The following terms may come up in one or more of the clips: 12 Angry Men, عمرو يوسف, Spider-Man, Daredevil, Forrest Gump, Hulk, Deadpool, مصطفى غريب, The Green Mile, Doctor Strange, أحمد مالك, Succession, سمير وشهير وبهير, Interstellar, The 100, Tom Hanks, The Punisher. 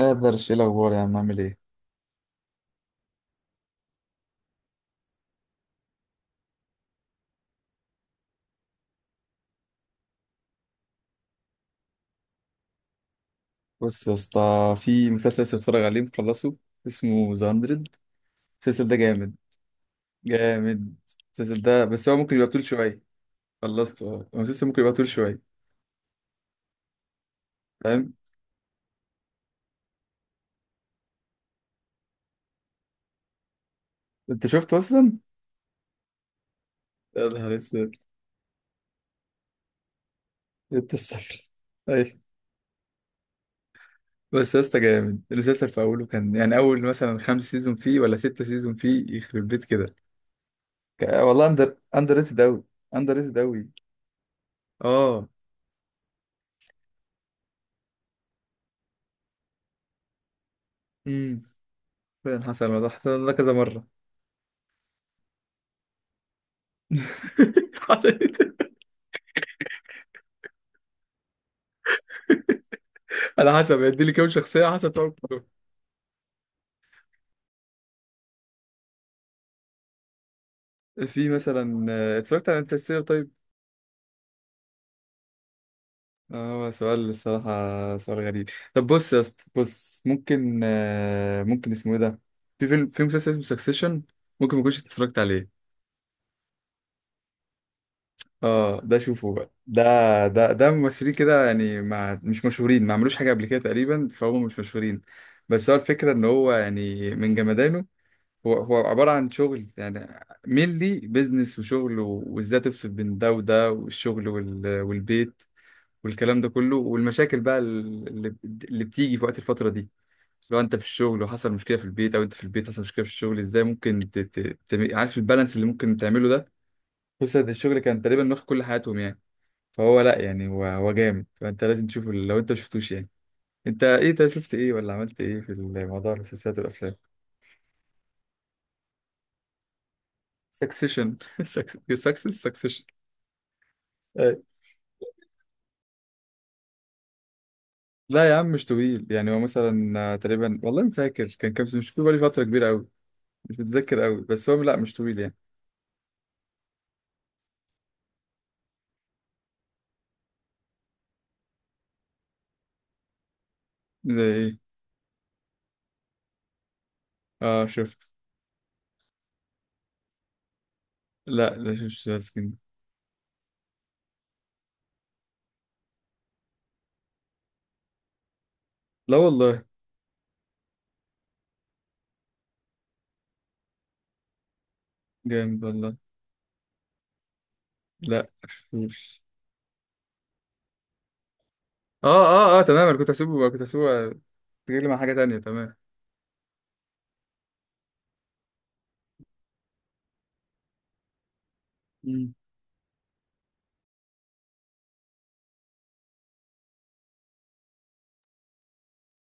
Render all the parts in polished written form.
ايه الاخبار يا عم، عامل ايه؟ بص يا اسطى، في مسلسل لسه بتفرج عليه مخلصه، اسمه ذا 100. المسلسل ده جامد جامد. المسلسل ده بس هو ممكن يبقى طول شويه. خلصته، اه، هو المسلسل ممكن يبقى طول شويه. فاهم. انت شفته اصلا؟ يا نهار اسود، انت السفر. اي. بس يا اسطى جامد المسلسل، في اوله كان يعني اول مثلا خمس سيزون فيه ولا ستة سيزون فيه، يخرب بيت كده. والله اندر ريتد اوي، اندر ريتد اوي. اه. امم فعلا حصل الموضوع، حصل ده كذا مره. حصلت. على حسب هيدي لي كام شخصية، على حسب طبعا. في مثلا اتفرجت على انترستيلر. طيب، هو سؤال الصراحة سؤال غريب. طب بص يا اسطى، بص ممكن، ممكن اسمه ايه ده؟ في مسلسل اسمه سكسيشن. ممكن ما كنتش اتفرجت عليه. اه، ده شوفه بقى ده. ده ممثلين كده يعني، ما مش مشهورين، ما عملوش حاجة قبل كده تقريبا، فهم مش مشهورين. بس هو الفكرة ان هو يعني من جمدانه. هو عبارة عن شغل يعني، مينلي بيزنس وشغل، وازاي تفصل بين ده وده، والشغل والبيت والكلام ده كله، والمشاكل بقى اللي بتيجي في وقت الفترة دي. لو انت في الشغل وحصل مشكلة في البيت، او انت في البيت حصل مشكلة في الشغل، ازاي ممكن عارف البالانس اللي ممكن تعمله ده؟ خصوصا إن الشغل كان تقريبا واخد كل حياتهم يعني. فهو لا يعني، هو جامد، فانت لازم تشوفه لو انت مشفتوش يعني. انت ايه طيب، شفت ايه ولا عملت ايه في الموضوع، المسلسلات والافلام؟ سكسيشن. سكسيشن. لا يا عم، مش طويل يعني. هو مثلا تقريبا والله ما فاكر كان كام سنة، مش فاكر، بقالي فترة كبيرة قوي. مش متذكر قوي، بس هو لا مش طويل يعني. زي ايه؟ اه شفت. لا، لا شفتش لاسكين. لا والله. جامد والله. لا شفتوش. اه اه اه تمام، انا كنت هسيبه تجيلي مع حاجة تانية تمام. مم.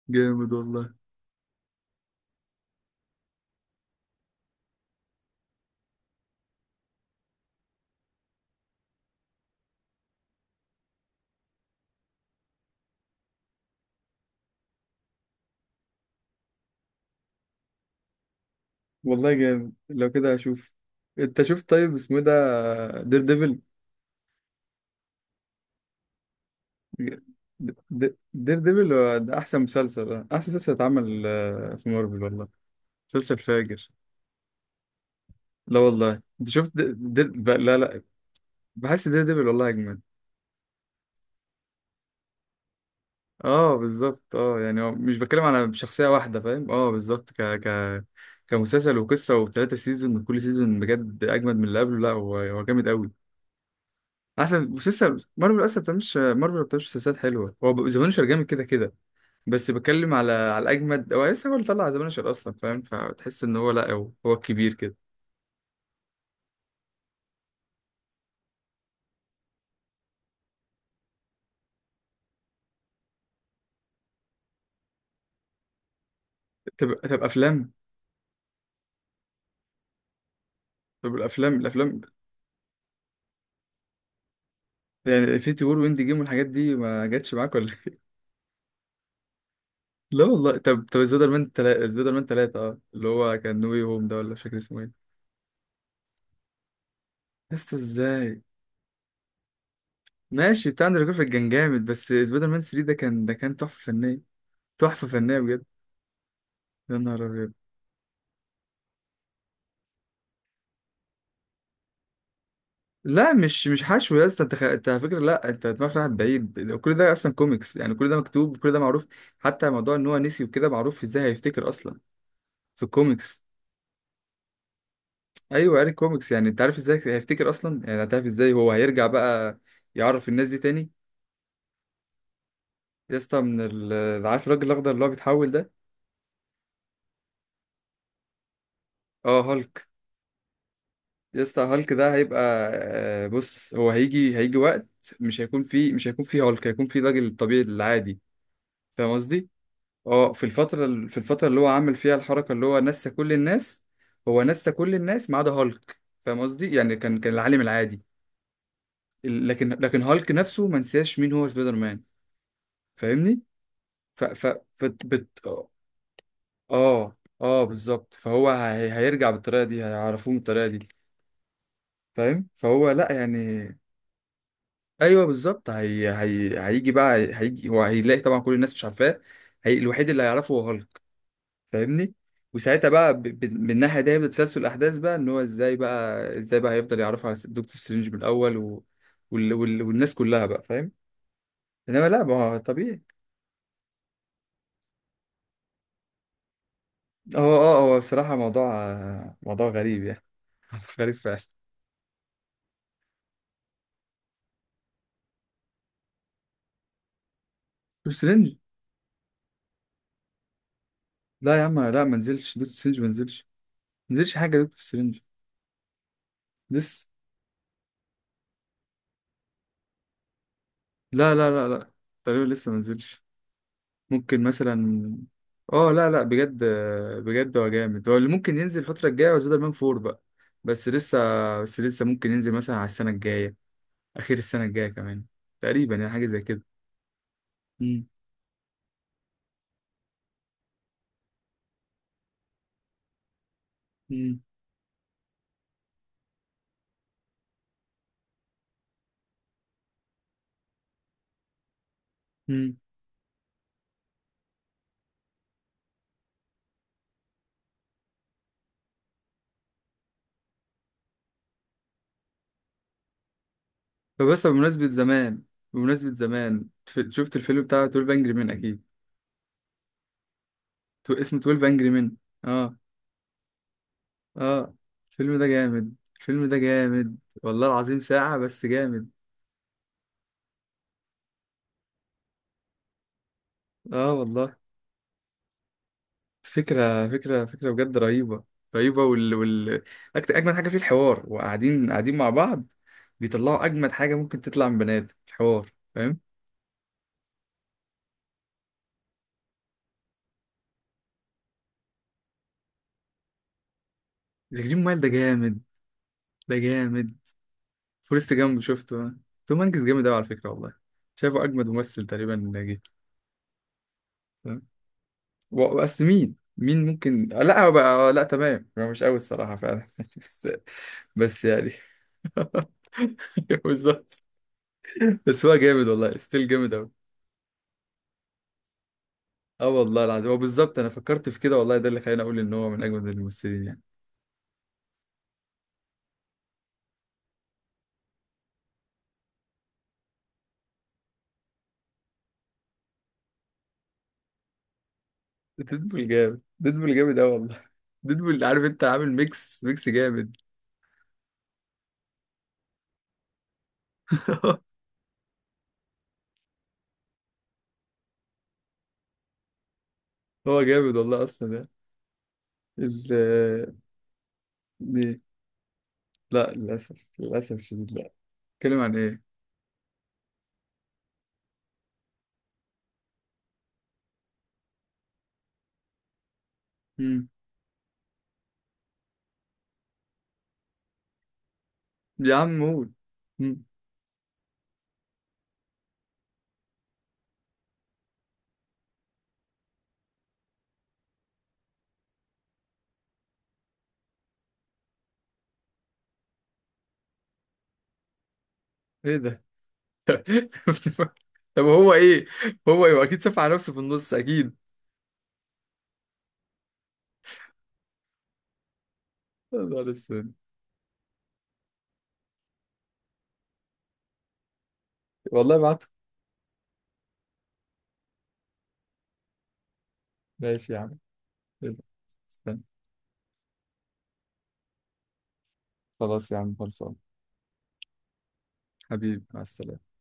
جامد والله. والله جامد، لو كده هشوف. انت شفت طيب اسمه إيه ده، دير ديفل؟ دير ديفل هو ده احسن مسلسل، احسن مسلسل اتعمل في مارفل والله، مسلسل فاجر. لا والله، انت شفت لا لا، بحس ده دبل والله اجمد. اه بالظبط، اه يعني هو مش بتكلم على شخصيه واحده، فاهم؟ اه بالظبط، ك ك كمسلسل وقصه وثلاثه سيزون، وكل سيزون بجد اجمد من اللي قبله. لا هو جامد قوي، احسن مسلسل مارفل اصلا. ما بتعملش مارفل، ما بتعملش مسلسلات حلوه. هو ذا بانشر جامد كده كده. بس بتكلم على الاجمد، هو لسه، هو اللي طلع ذا بانشر اصلا، فاهم؟ فتحس ان هو لا، هو الكبير كده. طب طب افلام. طب الافلام، يعني انفينيتي وور واند جيم والحاجات دي ما جاتش معاك ولا إيه؟ لا والله. طب طب سبايدر مان تلاتة، سبايدر مان تلاتة، اه، اللي هو كان نو واي هوم ده، ولا مش فاكر اسمه ايه. لسه ازاي. ماشي، بتاع اندرو جارفيلد كان جامد، بس سبايدر مان 3 ده كان، تحفة فنية. تحفة فنية بجد. يا نهار ابيض. لا مش حشو يا اسطى، انت انت على فكره، لا انت دماغك رايحه بعيد. كل ده اصلا كوميكس يعني، كل ده مكتوب وكل ده معروف. حتى موضوع ان هو نسي وكده معروف ازاي هيفتكر اصلا، في الكوميكس. ايوه قاري كوميكس. يعني انت عارف ازاي هيفتكر اصلا، يعني هتعرف ازاي هو هيرجع بقى، يعرف الناس دي تاني. يا اسطى، من عارف الراجل الاخضر اللي هو بيتحول ده؟ اه هالك. يا اسطى هالك ده هيبقى، بص هو هيجي وقت، مش هيكون فيه هالك، هيكون فيه الراجل الطبيعي العادي. فاهم قصدي؟ اه، في الفتره في الفتره اللي هو عامل فيها الحركه اللي هو نسى كل الناس، هو نسى كل الناس ما عدا هالك. فاهم قصدي؟ يعني كان العالم العادي. لكن هالك نفسه ما نساش مين هو سبايدر مان. فاهمني؟ ف ف فت بت اه. اه بالظبط، فهو هيرجع بالطريقه دي، هيعرفوه بالطريقه دي. فاهم. فهو لا يعني، ايوه بالظبط. هيجي هو هيلاقي طبعا كل الناس مش عارفاه. الوحيد اللي هيعرفه هو هالك. فاهمني؟ وساعتها بقى، من الناحيه دي هيبدا تسلسل الاحداث بقى، ان هو ازاي بقى هيفضل يعرفه على دكتور سترينج من الاول والناس كلها بقى، فاهم؟ انما لا، ما هو طبيعي. هو، هو الصراحه موضوع، موضوع غريب يعني. موضوع غريب فعلا. دكتور سترينج. لا يا عم، لا ما نزلش دكتور سترينج، ما نزلش. ما نزلش حاجه دكتور سترينج. لسه. لا لا لا لا، تقريبا لسه ما نزلش. ممكن مثلا. اه لا لا بجد، بجد هو جامد، هو اللي ممكن ينزل الفتره الجايه، هو سبايدر مان 4 بقى. بس لسه، بس لسه ممكن ينزل مثلا على السنه الجايه، اخير السنه الجايه كمان، تقريبا يعني، حاجه زي كده. مم. مم. مم. فبس بمناسبه زمان، شفت الفيلم بتاع 12 انجري مان اكيد. اسمه 12 انجري مان. اه. اه الفيلم ده جامد، الفيلم ده جامد. والله العظيم ساعة بس جامد. اه والله، فكرة فكرة فكرة بجد رهيبة. رهيبة، وال وال أجمد حاجة فيه الحوار، وقاعدين قاعدين مع بعض بيطلعوا أجمد حاجة ممكن تطلع من بني آدم، الحوار. فاهم. ذا جرين مايل ده جامد. ده جامد. فورست جامب شفته. توم هانكس جامد أوي على فكرة والله. شايفه أجمد ممثل تقريبا جه. فاهم؟ وأصل مين ممكن، لا هو بقى لا تمام، هو مش قوي الصراحة فعلا بس، بس يعني بالظبط. بس هو جامد والله، ستيل جامد قوي. اه والله العظيم، هو بالظبط انا فكرت في كده والله، ده اللي خلاني اقول ان هو من اجمد الممثلين يعني. ديدبول جامد، ديدبول جامد قوي والله. ديدبول، عارف انت عامل ميكس ميكس جامد. هو جامد والله اصلا يعني. ال دي، لا للاسف، للاسف الشديد لا. اتكلم عن ايه؟ مم. يا عم قول. مم. ايه ده؟ طب هو ايه؟ هو ايه؟ اكيد سف على نفسه في النص اكيد. يا نهار اسود. والله بعته. ماشي يا عم. استنى. خلاص يا عم، خلصان. حبيبي، مع السلامة.